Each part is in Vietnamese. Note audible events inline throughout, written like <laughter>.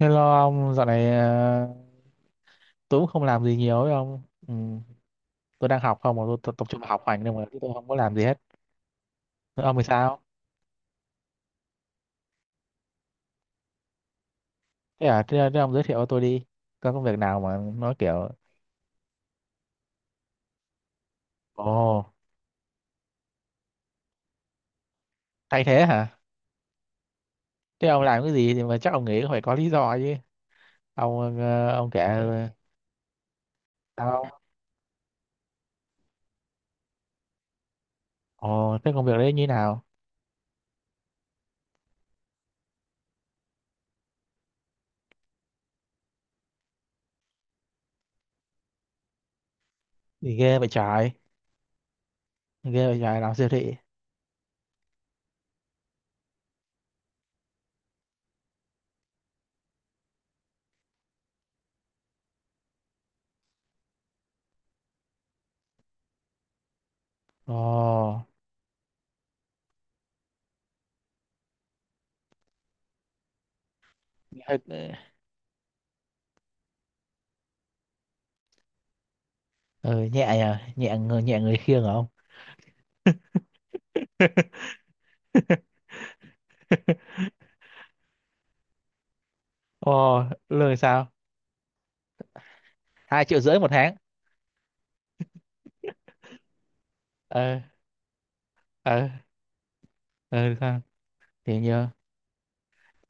Hello ông, dạo này tôi cũng không làm gì nhiều ấy ông. Ừ, tôi đang học không mà tôi tập tập trung vào học hành nhưng mà chứ tôi không có làm gì hết. Thế ông thì sao? Thế à, thế ông giới thiệu cho tôi đi. Có công việc nào mà nói kiểu ồ, thay thế hả? Thế ông làm cái gì thì mà chắc ông nghĩ phải có lý do chứ. Ông kể sao? Ồ, thế công việc đấy như nào? Thì ghê vậy trời làm siêu thị. Ồ, hơi- ừ, nhẹ người khiêng hả ông? <laughs> Ồ, lương sao? 2,5 triệu một tháng? ờ ờ ờ Sao? Thì nhờ.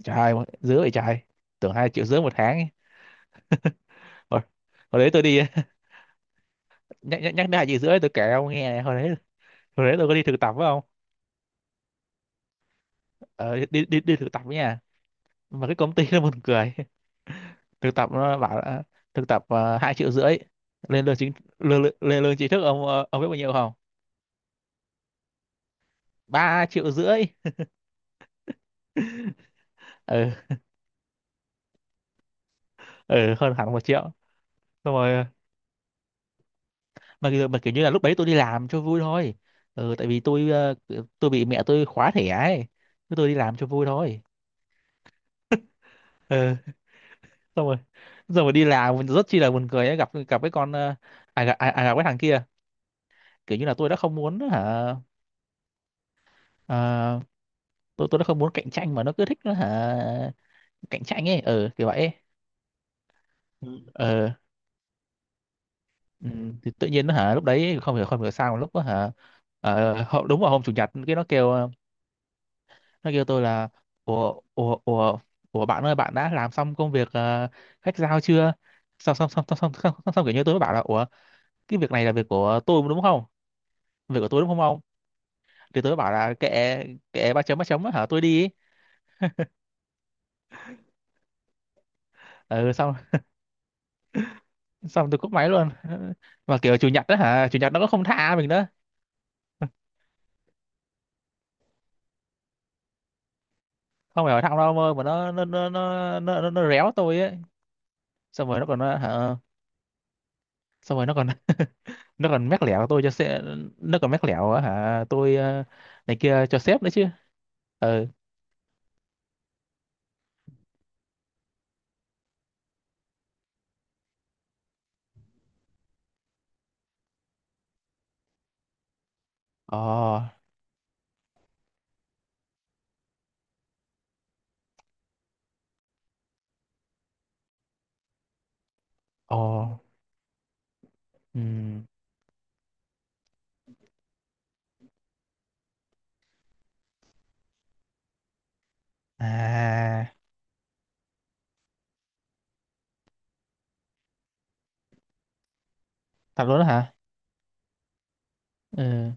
Trời ơi, dữ vậy trời. Tưởng 2,5 triệu một tháng ấy. hồi, hồi đấy tôi đi. <laughs> nhắc nhắc nhắc đến 2,5 triệu, tôi kể ông nghe này, hồi đấy tôi có đi thực tập phải không? Ờ, đi đi đi thực tập ấy nha. Mà cái công ty nó buồn cười. <laughs> Thực tập nó bảo là thực tập 2,5 triệu. lên lương chính Lên lương chính thức ông biết bao nhiêu không? 3,5 triệu. Ừ, ừ, hơn hẳn 1 triệu. Xong rồi. Mà kiểu như là lúc đấy tôi đi làm cho vui thôi. Ừ, tại vì tôi bị mẹ tôi khóa thẻ ấy. Thế tôi đi làm cho vui thôi. Ừ, xong rồi xong rồi đi làm rất chi là buồn cười ấy, gặp gặp cái con ờ, à, gặp, à, à, gặp cái thằng kia kiểu như là tôi đã không muốn hả. Ờ, tôi tôi đã không muốn cạnh tranh mà nó cứ thích nó hả, cạnh tranh ấy, ừ, kiểu vậy ấy. Ừ. Ờ, ừ, thì tự nhiên nó hả lúc đấy không hiểu sao mà lúc đó hả, đúng vào hôm chủ nhật cái nó kêu nó kêu tôi là ủa ủa bạn ơi, bạn đã làm xong công việc khách giao chưa? Xong kiểu như tôi mới bảo là ủa, cái việc này là việc của tôi đúng không, việc của tôi đúng không ông? Thì tôi mới bảo là kệ, kệ ba chấm á hả tôi đi. Ừ. Xong, tôi cúp máy luôn. <laughs> Mà kiểu chủ nhật đó hả, chủ nhật nó cũng không tha mình đó. Không phải hỏi thẳng đâu ông ơi, mà nó réo tôi ấy. Xong rồi nó còn hả, xong rồi nó còn <laughs> nó còn mách lẻo tôi cho sếp. Nó còn mách lẻo á hả tôi này kia cho sếp nữa chứ. Ừ. Ồ. Ồ. Ừ. À, thật luôn đó hả? Ừ.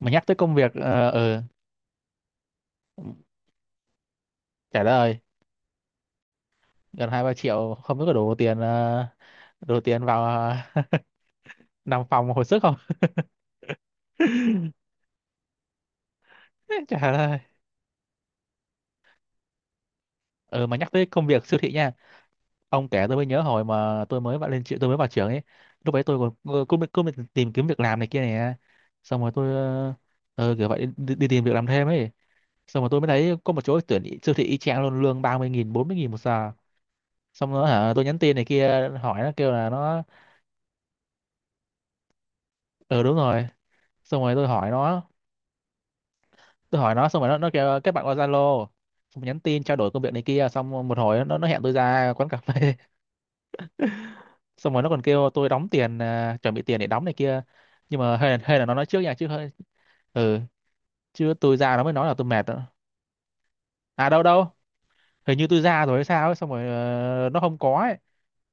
Mà nhắc tới công việc ừ, trả lời, gần 2-3 triệu không biết có đủ tiền đủ tiền vào nằm phòng hồi sức không. <laughs> Trả lời. Ừ, mà nhắc tới công việc siêu thị nha, ông kể tôi mới nhớ hồi mà tôi mới vào tôi mới vào trường ấy, lúc ấy tôi còn cứ cứ, cứ tìm kiếm việc làm này kia này. Xong rồi tôi kiểu vậy đi, đi, tìm việc làm thêm ấy. Xong rồi tôi mới thấy có một chỗ tuyển siêu thị y chang luôn, lương 30.000, 40.000 một giờ. Xong rồi hả tôi nhắn tin này kia hỏi, nó kêu là nó ờ đúng rồi. Xong rồi tôi hỏi nó, xong rồi nó kêu kết bạn qua Zalo, xong nhắn tin trao đổi công việc này kia, xong một hồi nó hẹn tôi ra quán cà phê. Xong rồi nó còn kêu tôi đóng tiền, à, chuẩn bị tiền để đóng này kia, nhưng mà hay là nó nói trước nha chứ hơi. Ừ. Chứ tôi ra nó mới nói là tôi mệt đó. À, đâu đâu, hình như tôi ra rồi hay sao ấy. Xong rồi nó không có ấy,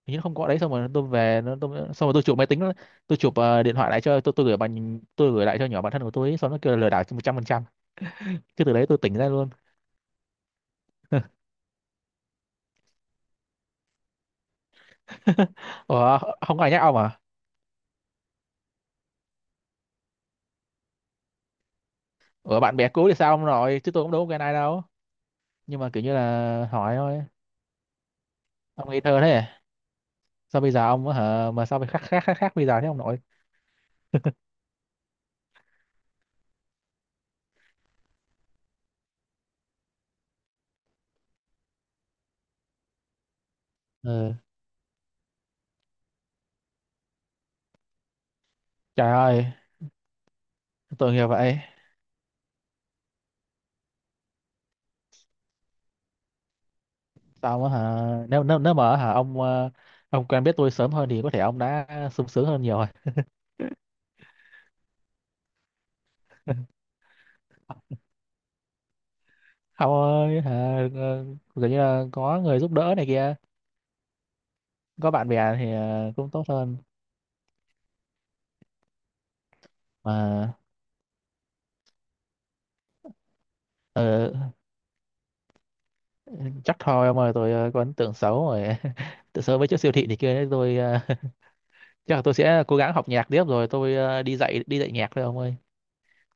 hình như nó không có đấy. Xong rồi tôi về nó tôi, xong rồi tôi chụp máy tính, tôi chụp điện thoại lại cho tôi gửi bạn, tôi gửi lại cho nhỏ bạn thân của tôi ấy, xong nó kêu là lừa đảo 100%. Cái từ đấy tôi tỉnh ra luôn. <laughs> Ủa, không có ai nhắc ông à? Ủa, bạn bè cũ thì sao, ông rồi chứ tôi cũng đâu có quen ai đâu, nhưng mà kiểu như là hỏi thôi. Ông ngây thơ thế, sao bây giờ ông á hả, mà sao phải khác khác khác khác bây giờ thế ông nội? Ừ. Trời ơi, tôi nghĩ vậy. Sao mà hả, nếu nếu nếu mà hả ông ông quen biết tôi sớm hơn thì có thể ông đã sung sướng hơn nhiều rồi. <laughs> Ông ơi hả kiểu như là có người giúp đỡ này kia, có bạn bè thì cũng tốt hơn mà. ờ, Chắc thôi ông ơi, tôi có ấn tượng xấu rồi <laughs> tự sớm với chỗ siêu thị này kia đấy, tôi <laughs> chắc là tôi sẽ cố gắng học nhạc tiếp rồi tôi đi dạy nhạc thôi ông ơi.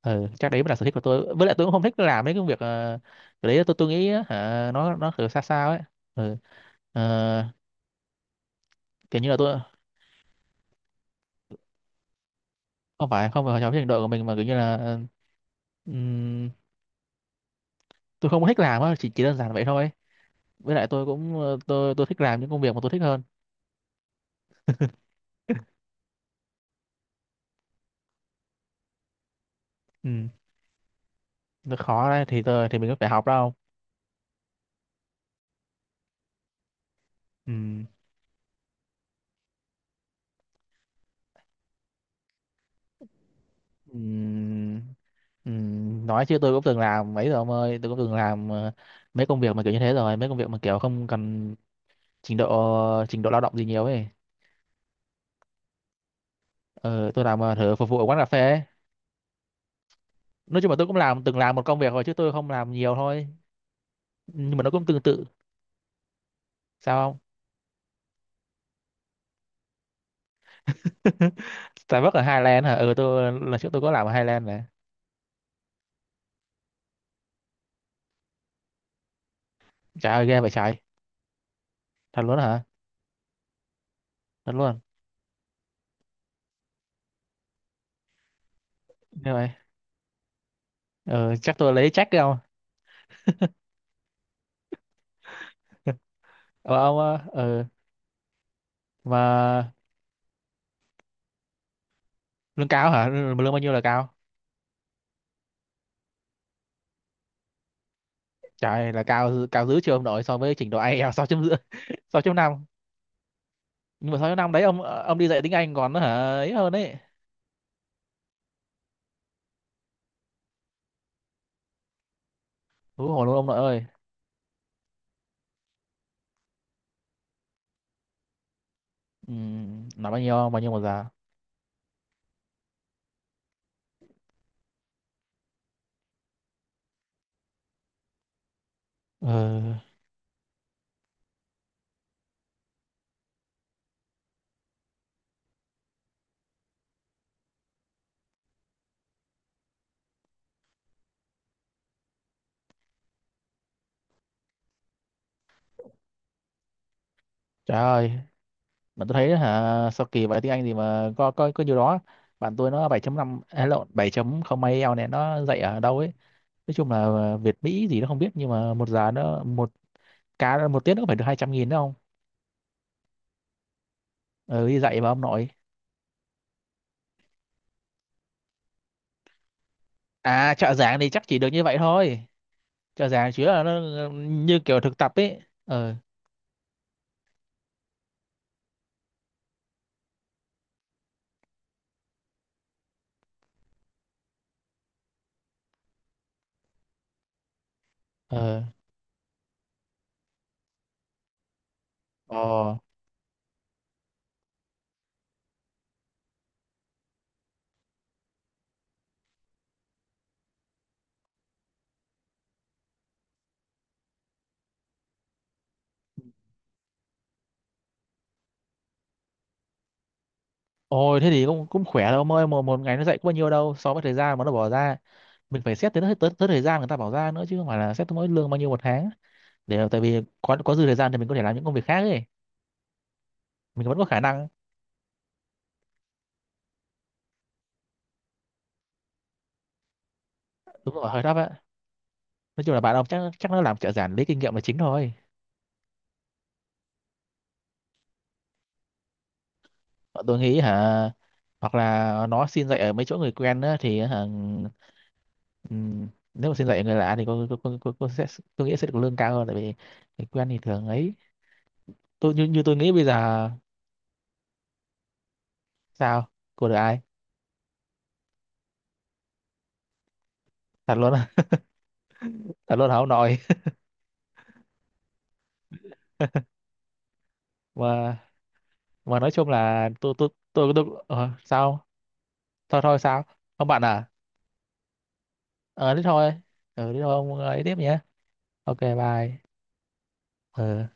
Ừ, chắc đấy mới là sở thích của tôi, với lại tôi cũng không thích làm mấy cái việc cái đấy, tôi nghĩ á, hả nó kiểu xa sao ấy. Ừ. ờ, Kiểu như là tôi không phải, không phải trong trình độ của mình mà kiểu như là ừm, tôi không có thích làm á, chỉ đơn giản vậy thôi, với lại tôi cũng tôi thích làm những công việc mà tôi thích hơn. Ừ. Nó khó đấy, thì tôi thì mình có phải học đâu. Ừ. Ừ. Ừ. Nói chứ tôi cũng từng làm mấy rồi ông ơi, tôi cũng từng làm mấy công việc mà kiểu như thế rồi, mấy công việc mà kiểu không cần trình độ lao động gì nhiều ấy. Ờ, tôi làm thử phục vụ ở quán cà phê ấy. Nói chung là tôi cũng từng làm một công việc rồi chứ tôi không làm nhiều thôi, nhưng mà nó cũng tương tự. Sao không? <laughs> Starbucks ở Highland hả? Ừ, tôi lần trước tôi có làm ở Highland này. Trời ơi, ghê vậy trời. Thật luôn hả? Thật luôn. Ghê vậy. Ờ, Chắc tôi lấy check đâu. ờ, ông ờ, ờ, mà lương cao hả, lương bao nhiêu là cao? Trời, là cao, cao dữ chưa ông nội, so với trình độ IELTS <laughs> 6,5 <laughs> 6,5. Nhưng mà 6,5 đấy ông đi dạy tiếng Anh còn nó hả ấy, hơn đấy. Hú hồn luôn ông nội ơi. Ừ, là bao nhiêu, bao nhiêu một giờ? Ờ, trời ơi, mà tôi thấy hả, sao kỳ vậy tiếng Anh gì mà có nhiều đó. Bạn tôi nó 7,5, à, lộn 7,0 0 eo này, nó dạy ở đâu ấy. Nói chung là Việt Mỹ gì nó không biết, nhưng mà một giờ nó một cá một tiết nó phải được 200.000 đúng không? Ừ, đi dạy mà ông nội. À, trợ giảng thì chắc chỉ được như vậy thôi. Trợ giảng chỉ là nó như kiểu thực tập ấy. Ờ. Ờ. Ồ, ôi thế thì cũng cũng khỏe đâu ông ơi, một một ngày nó dạy có bao nhiêu đâu so với thời gian mà nó bỏ ra. Mình phải xét tới tới thời gian người ta bảo ra nữa, chứ không phải là xét tới mỗi lương bao nhiêu một tháng, để tại vì có dư thời gian thì mình có thể làm những công việc khác ấy, mình vẫn có khả năng. Đúng rồi, hơi thấp á. Nói chung là bạn ông chắc chắc nó làm trợ giảng lấy kinh nghiệm là chính thôi. Bọn tôi nghĩ hả, hoặc là nó xin dạy ở mấy chỗ người quen á, thì hả, ừm, nếu mà xin dạy ở người lạ thì có sẽ, tôi nghĩ sẽ được lương cao hơn, tại vì người quen thì thường ấy. Như như tôi nghĩ bây giờ. Sao? Của được ai? Thật luôn á? Thật luôn hả ông nội? mà mà nói chung là tôi sao? Thôi thôi, sao không bạn à? Ờ, thế thôi. Ừ, thế thôi ông ấy tiếp nhé. OK bye. Ừ.